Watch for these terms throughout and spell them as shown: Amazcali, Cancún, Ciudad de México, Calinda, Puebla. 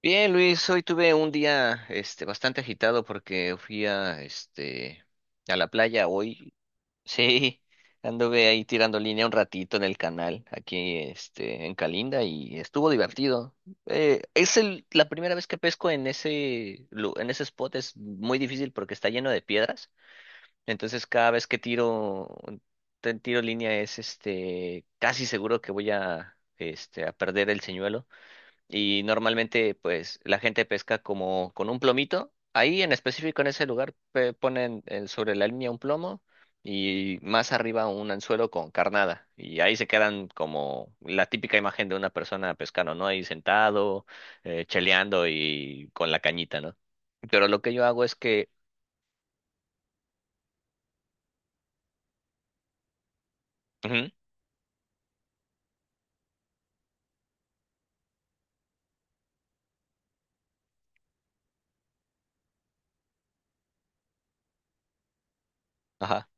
Bien, Luis, hoy tuve un día bastante agitado porque fui a a la playa hoy. Sí, anduve ahí tirando línea un ratito en el canal aquí en Calinda y estuvo divertido. La primera vez que pesco en en ese spot es muy difícil porque está lleno de piedras. Entonces cada vez que tiro línea es casi seguro que voy a a perder el señuelo y normalmente pues la gente pesca como con un plomito. Ahí en específico en ese lugar ponen sobre la línea un plomo y más arriba un anzuelo con carnada y ahí se quedan como la típica imagen de una persona pescando, ¿no? Ahí sentado, cheleando y con la cañita, ¿no? Pero lo que yo hago es que... Ujú. Ajá.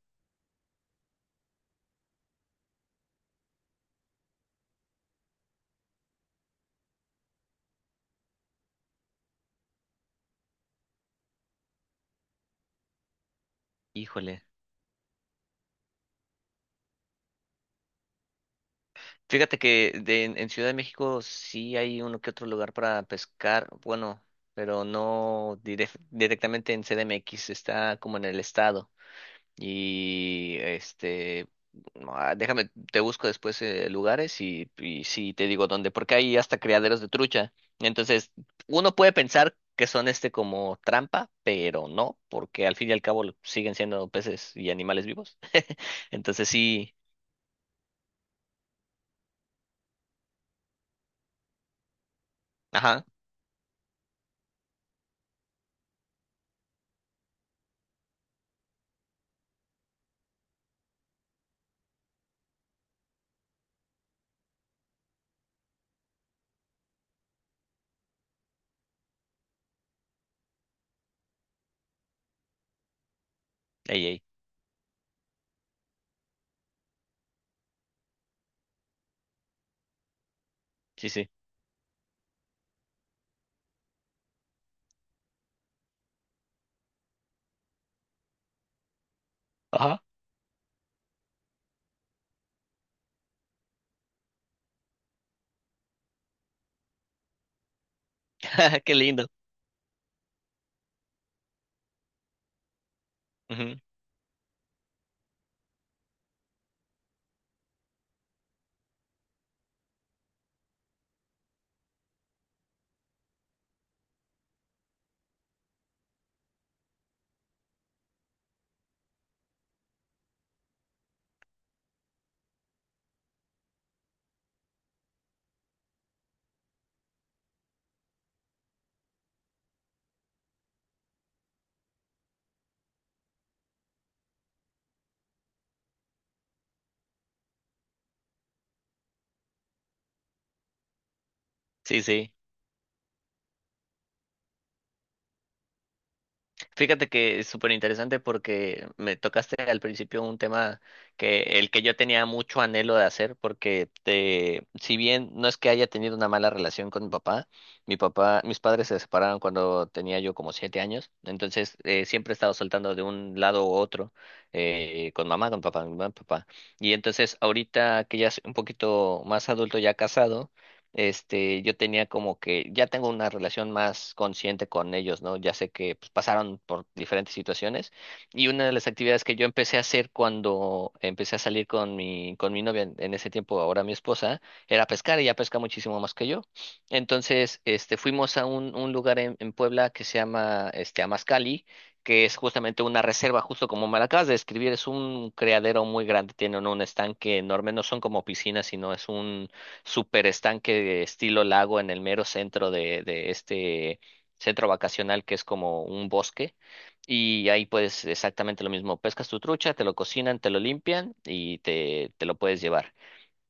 Híjole. Fíjate que en Ciudad de México sí hay uno que otro lugar para pescar, bueno, pero no directamente en CDMX, está como en el estado. Y no, ah, déjame, te busco después lugares y sí te digo dónde, porque hay hasta criaderos de trucha. Entonces, uno puede pensar que son como trampa, pero no, porque al fin y al cabo siguen siendo peces y animales vivos. Entonces sí, ajá, ey, ey, sí, sí. Qué lindo. Ujú. Sí, sí. Fíjate que es súper interesante porque me tocaste al principio un tema que el que yo tenía mucho anhelo de hacer porque te, si bien no es que haya tenido una mala relación con mi papá, mis padres se separaron cuando tenía yo como siete años, entonces siempre he estado soltando de un lado u otro con mamá, con papá, con mamá, papá. Y entonces ahorita que ya soy un poquito más adulto, ya casado. Yo tenía como que, ya tengo una relación más consciente con ellos, ¿no? Ya sé que pues, pasaron por diferentes situaciones y una de las actividades que yo empecé a hacer cuando empecé a salir con con mi novia en ese tiempo, ahora mi esposa, era pescar, ella pesca muchísimo más que yo. Entonces, fuimos a un lugar en Puebla que se llama, Amazcali, que es justamente una reserva, justo como me la acabas de describir, es un criadero muy grande, tienen un estanque enorme, no son como piscinas, sino es un super estanque de estilo lago en el mero centro de centro vacacional que es como un bosque. Y ahí pues exactamente lo mismo, pescas tu trucha, te lo cocinan, te lo limpian y te lo puedes llevar.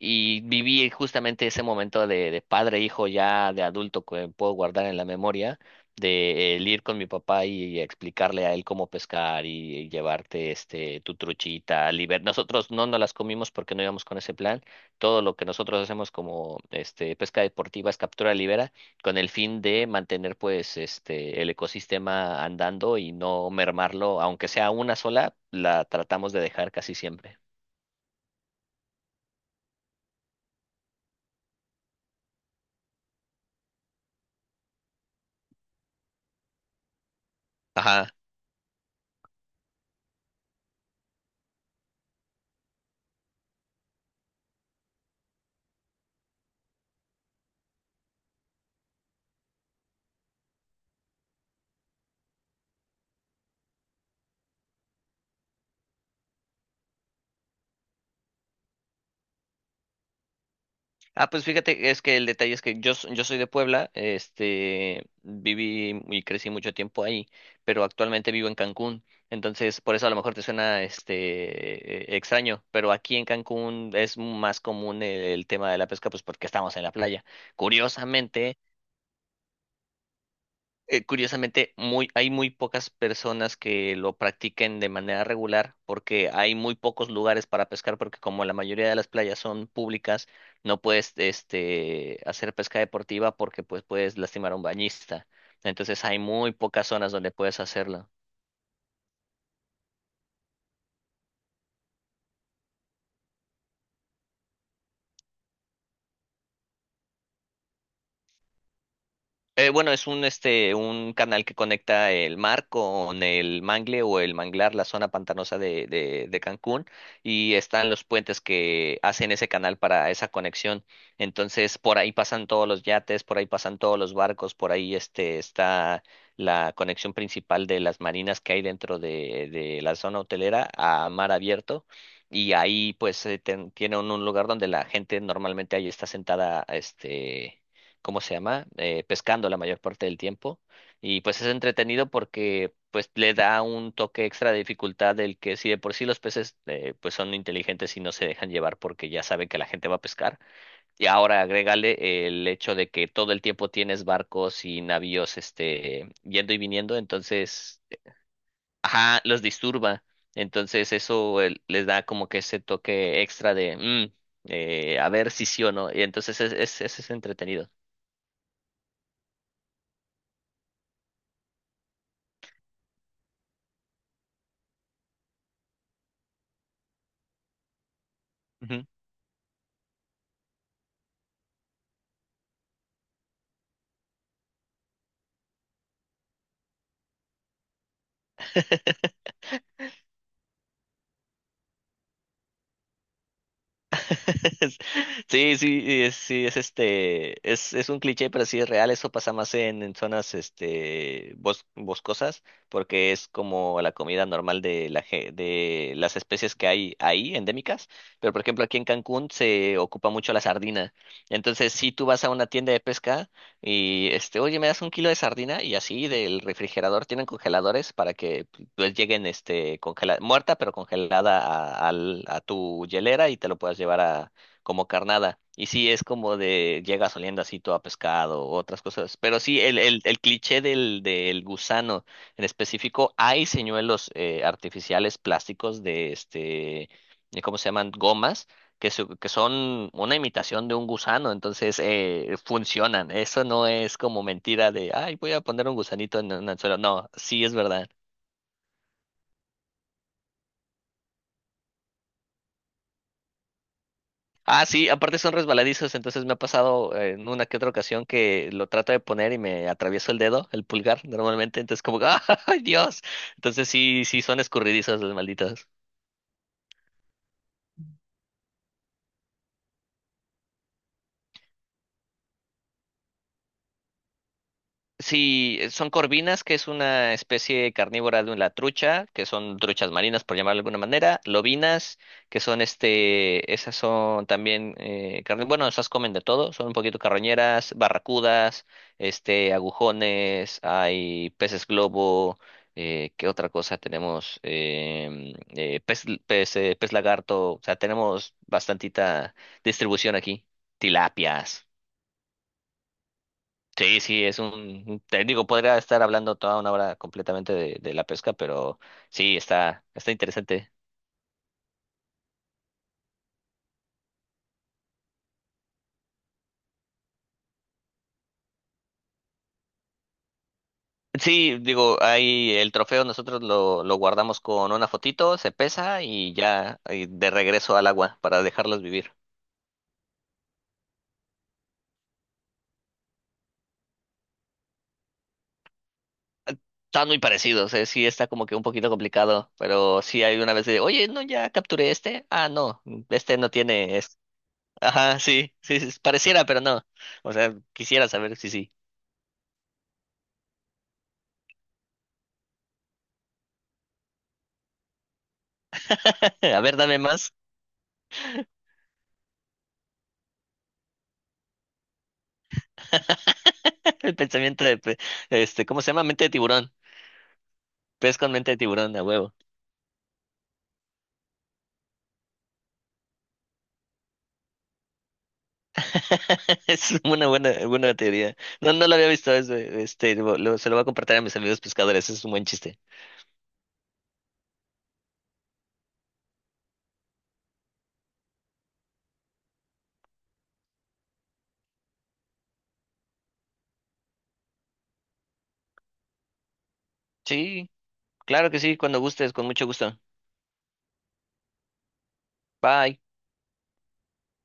Y viví justamente ese momento de padre, e hijo, ya de adulto que puedo guardar en la memoria, de el ir con mi papá y, explicarle a él cómo pescar y llevarte tu truchita, liber... Nosotros no nos las comimos porque no íbamos con ese plan. Todo lo que nosotros hacemos como pesca deportiva es captura de libera, con el fin de mantener pues el ecosistema andando y no mermarlo, aunque sea una sola, la tratamos de dejar casi siempre. Ajá. Ah, pues fíjate, es que el detalle es que yo soy de Puebla, viví y crecí mucho tiempo ahí, pero actualmente vivo en Cancún, entonces por eso a lo mejor te suena, extraño, pero aquí en Cancún es más común el tema de la pesca, pues porque estamos en la playa. Curiosamente, curiosamente, muy, hay muy pocas personas que lo practiquen de manera regular porque hay muy pocos lugares para pescar porque como la mayoría de las playas son públicas, no puedes hacer pesca deportiva porque pues puedes lastimar a un bañista. Entonces hay muy pocas zonas donde puedes hacerlo. Bueno, es un, un canal que conecta el mar con el mangle o el manglar, la zona pantanosa de Cancún, y están los puentes que hacen ese canal para esa conexión. Entonces, por ahí pasan todos los yates, por ahí pasan todos los barcos, por ahí está la conexión principal de las marinas que hay dentro de la zona hotelera a mar abierto. Y ahí pues tiene un lugar donde la gente normalmente ahí está sentada, ¿cómo se llama? Pescando la mayor parte del tiempo. Y pues es entretenido porque pues le da un toque extra de dificultad del que si de por sí los peces pues son inteligentes y no se dejan llevar porque ya saben que la gente va a pescar. Y ahora agrégale el hecho de que todo el tiempo tienes barcos y navíos yendo y viniendo, entonces, ajá, los disturba. Entonces eso les da como que ese toque extra de, a ver si sí o no. Y entonces es entretenido. Ujú. Sí, sí, y sí, es es un cliché, pero sí es real, eso pasa más en zonas boscosas, porque es como la comida normal de la de las especies que hay ahí, endémicas, pero por ejemplo aquí en Cancún se ocupa mucho la sardina. Entonces, si tú vas a una tienda de pesca y oye, me das un kilo de sardina, y así del refrigerador tienen congeladores para que pues lleguen congelada, muerta pero congelada a, a tu hielera y te lo puedas llevar a como carnada. Y sí, es como de llegas oliendo así todo a pescado o otras cosas. Pero sí, el cliché del gusano en específico, hay señuelos artificiales plásticos de de ¿cómo se llaman? Gomas. Que son una imitación de un gusano, entonces funcionan. Eso no es como mentira de, ay, voy a poner un gusanito en un anzuelo. No, sí es verdad. Ah, sí, aparte son resbaladizos, entonces me ha pasado en una que otra ocasión que lo trato de poner y me atravieso el dedo, el pulgar, normalmente, entonces como, que, ¡ay, Dios! Entonces sí, sí son escurridizos los malditos. Sí, son corvinas, que es una especie carnívora de la trucha, que son truchas marinas, por llamarlo de alguna manera, lobinas, que son esas son también bueno, esas comen de todo, son un poquito carroñeras, barracudas, agujones, hay peces globo, ¿qué otra cosa tenemos? Pez lagarto, o sea, tenemos bastantita distribución aquí, tilapias. Sí, sí, es un técnico. Podría estar hablando toda una hora completamente de la pesca, pero sí, está, está interesante. Sí, digo, ahí el trofeo nosotros lo guardamos con una fotito, se pesa y ya y de regreso al agua para dejarlos vivir. Están muy parecidos, sí, está como que un poquito complicado, pero sí hay una vez de, oye, no, ya capturé este. Ah, no, este no tiene ajá, sí, sí, sí, pareciera, pero no. O sea, quisiera saber si sí. A ver, dame más. El pensamiento de, ¿cómo se llama? Mente de tiburón. Pez con mente de tiburón, a huevo. Es una buena, buena teoría. No, no lo había visto. Es, este, lo- Se lo voy a compartir a mis amigos pescadores. Es un buen chiste. Sí, claro que sí, cuando gustes, con mucho gusto. Bye.